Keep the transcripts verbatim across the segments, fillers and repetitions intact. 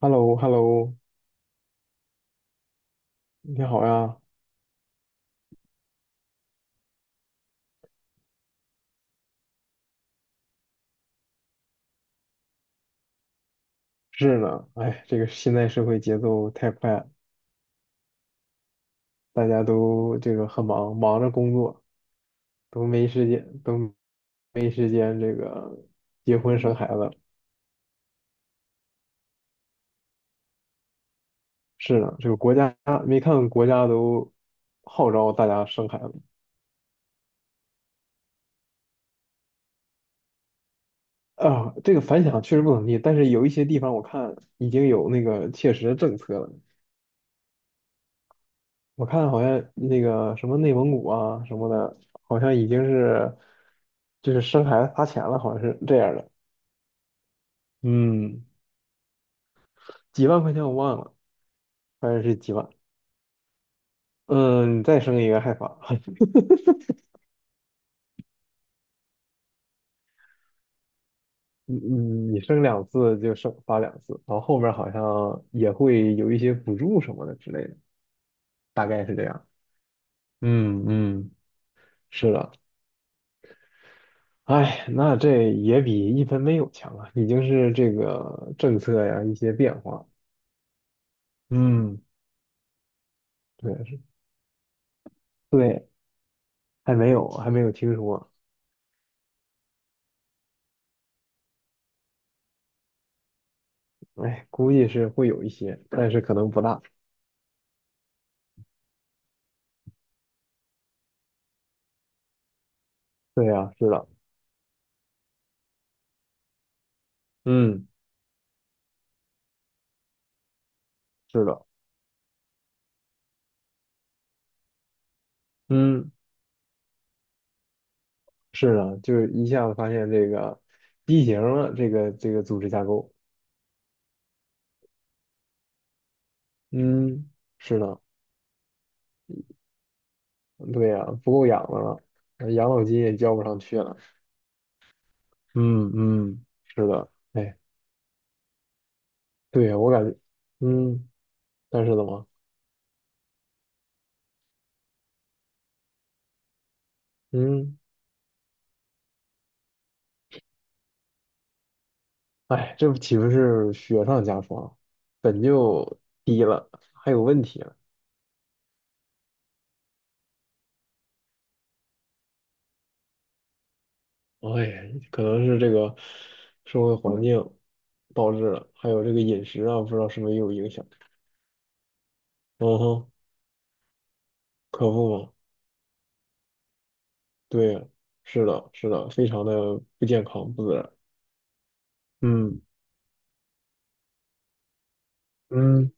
h e l l o h e l l o 你好呀。是呢，哎，这个现在社会节奏太快了，大家都这个很忙，忙着工作，都没时间，都没时间这个结婚生孩子。是呢，这个国家没看国家都号召大家生孩子。啊，这个反响确实不怎么地，但是有一些地方我看已经有那个切实的政策了，我看好像那个什么内蒙古啊什么的，好像已经是就是生孩子砸钱了，好像是这样的。嗯，几万块钱我忘了，反正是几万。嗯，你再生一个还发，你你你生两次就生发两次，然后后面好像也会有一些补助什么的之类的，大概是这样。嗯嗯，是的。哎，那这也比一分没有强啊，已经是这个政策呀一些变化。嗯，对，是。对，还没有，还没有听说。哎，估计是会有一些，但是可能不大。对呀，是的，嗯，是的，嗯，是的，就是一下子发现这个畸形了，这个这个组织架构，嗯，是的，对呀，不够养的了，呃养老金也交不上去了。嗯嗯，是的，哎，对呀，我感觉，嗯，但是怎么，嗯，哎，这不岂不是雪上加霜，本就低了，还有问题了。哎，可能是这个社会环境导致了，还有这个饮食啊，不知道是不是也有影响。嗯哼，可不嘛，对呀，是的，是的，非常的不健康、不自然。嗯嗯，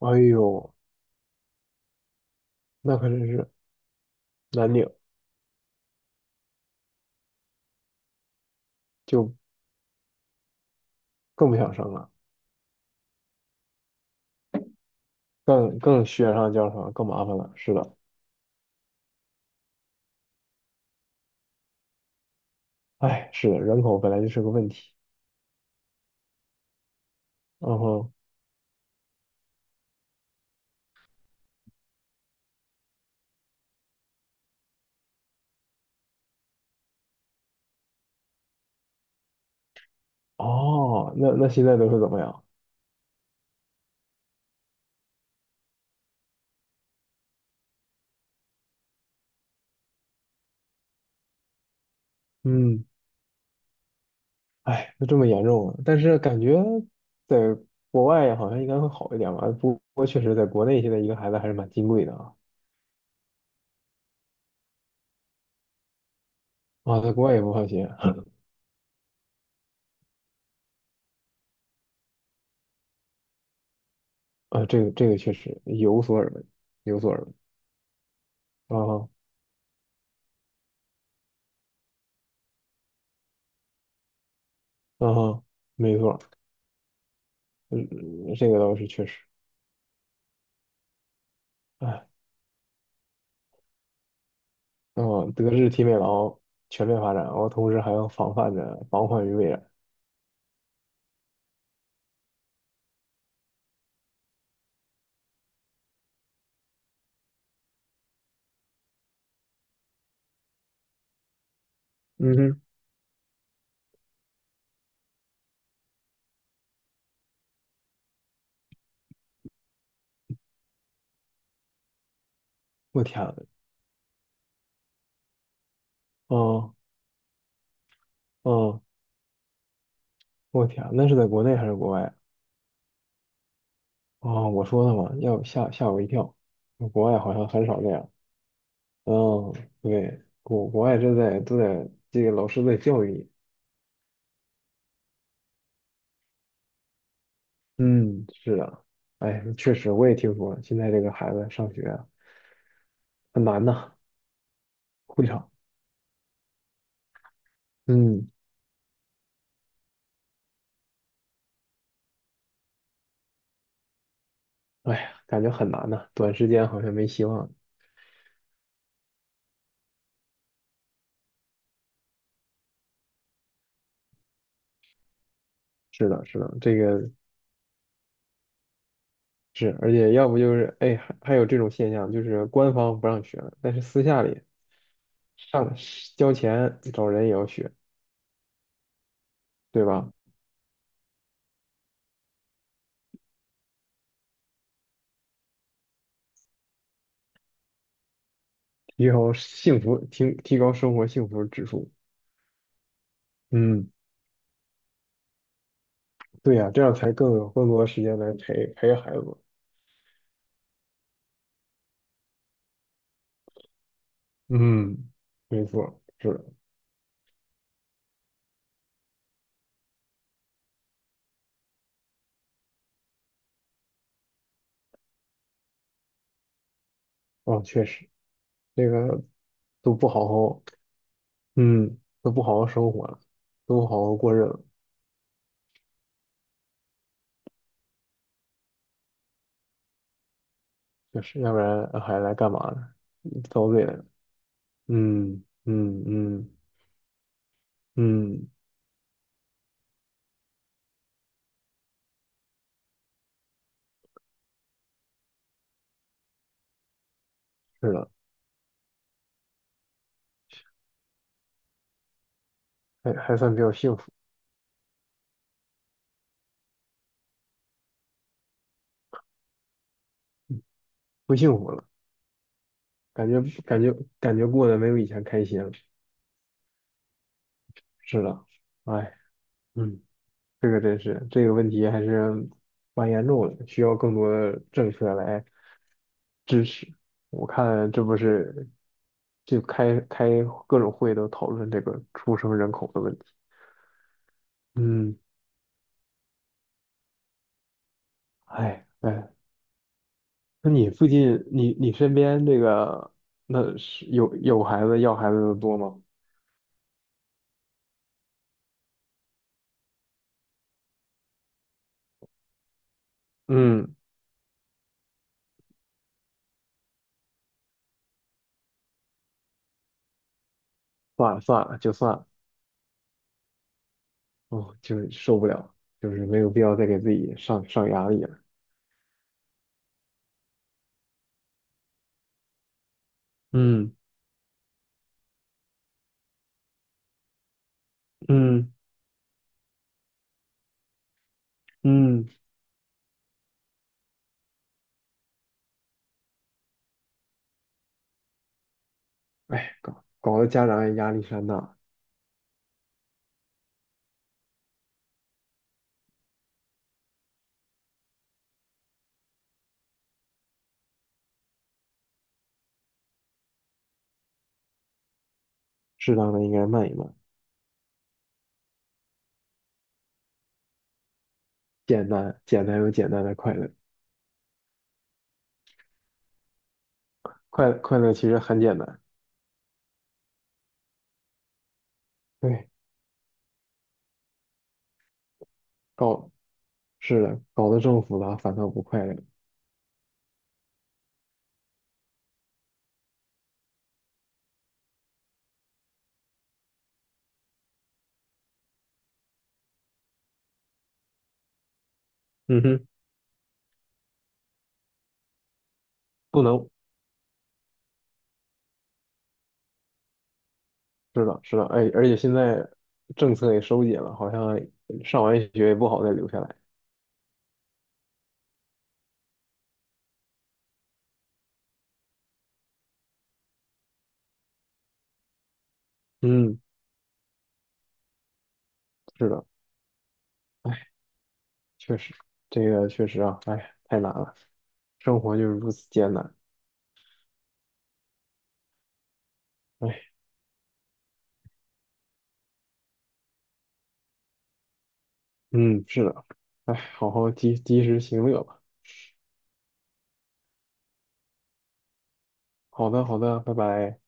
哎呦，那可真是难顶，就更不想生了，更更雪上加霜，更麻烦了。是的，哎，是的，人口本来就是个问题。嗯哼，哦，那那现在都是怎么样？嗯。哎，就这么严重了。但是感觉在国外好像应该会好一点吧。不过确实，在国内现在一个孩子还是蛮金贵的啊。啊，在国外也不放心啊。呃这个这个确实有所耳闻，有所耳闻。啊啊哈，没错，嗯，嗯这个倒是确实。哎，哦，德智体美劳全面发展，然后同时还要防范着防患于未然。嗯哼，我天呐，哦哦，我天啊，那是在国内还是国外啊？哦，我说的嘛，要吓吓我一跳。国外好像很少这样。嗯，对，国国外这在都在这个老师在教育你。嗯，是的。哎，确实我也听说了，现在这个孩子上学啊很难呐，会场。嗯，哎呀，感觉很难呐，短时间好像没希望。是的，是的，这个是，而且要不就是哎，还还有这种现象，就是官方不让学了，但是私下里上交钱找人也要学，对吧？提高幸福，提提高生活幸福指数。嗯，对呀，这样才更有更多的时间来陪陪孩子。嗯，没错，是的，啊，确实，这个都不好好，嗯，都不好好生活了，都不好好过日子，确实，要不然还来干嘛呢？嗯遭罪来了。嗯嗯嗯嗯，是的，还还算比较幸福，不幸福了，感觉感觉感觉过得没有以前开心了。是的，哎，嗯。这个真是，这个问题还是蛮严重的，需要更多的政策来支持。我看这不是就开开各种会都讨论这个出生人口的问题。嗯，哎哎，那你附近你你身边这个那是有有孩子要孩子的多吗？嗯，算了算了，就算了，哦，就是受不了，就是没有必要再给自己上上压力了。嗯嗯嗯。哎，搞搞得家长也压力山大，适当的应该慢一慢，简单简单有简单的快乐，快快乐其实很简单。对，搞是的，搞得这么复杂，反倒不快乐。嗯哼，不能，是的，是的，哎，而且现在政策也收紧了，好像上完学也不好再留下来。嗯，是的，哎，确实，这个确实啊，哎，太难了，生活就是如此艰难。哎，嗯，是的，好好及及时行乐吧。好的，好的，拜拜。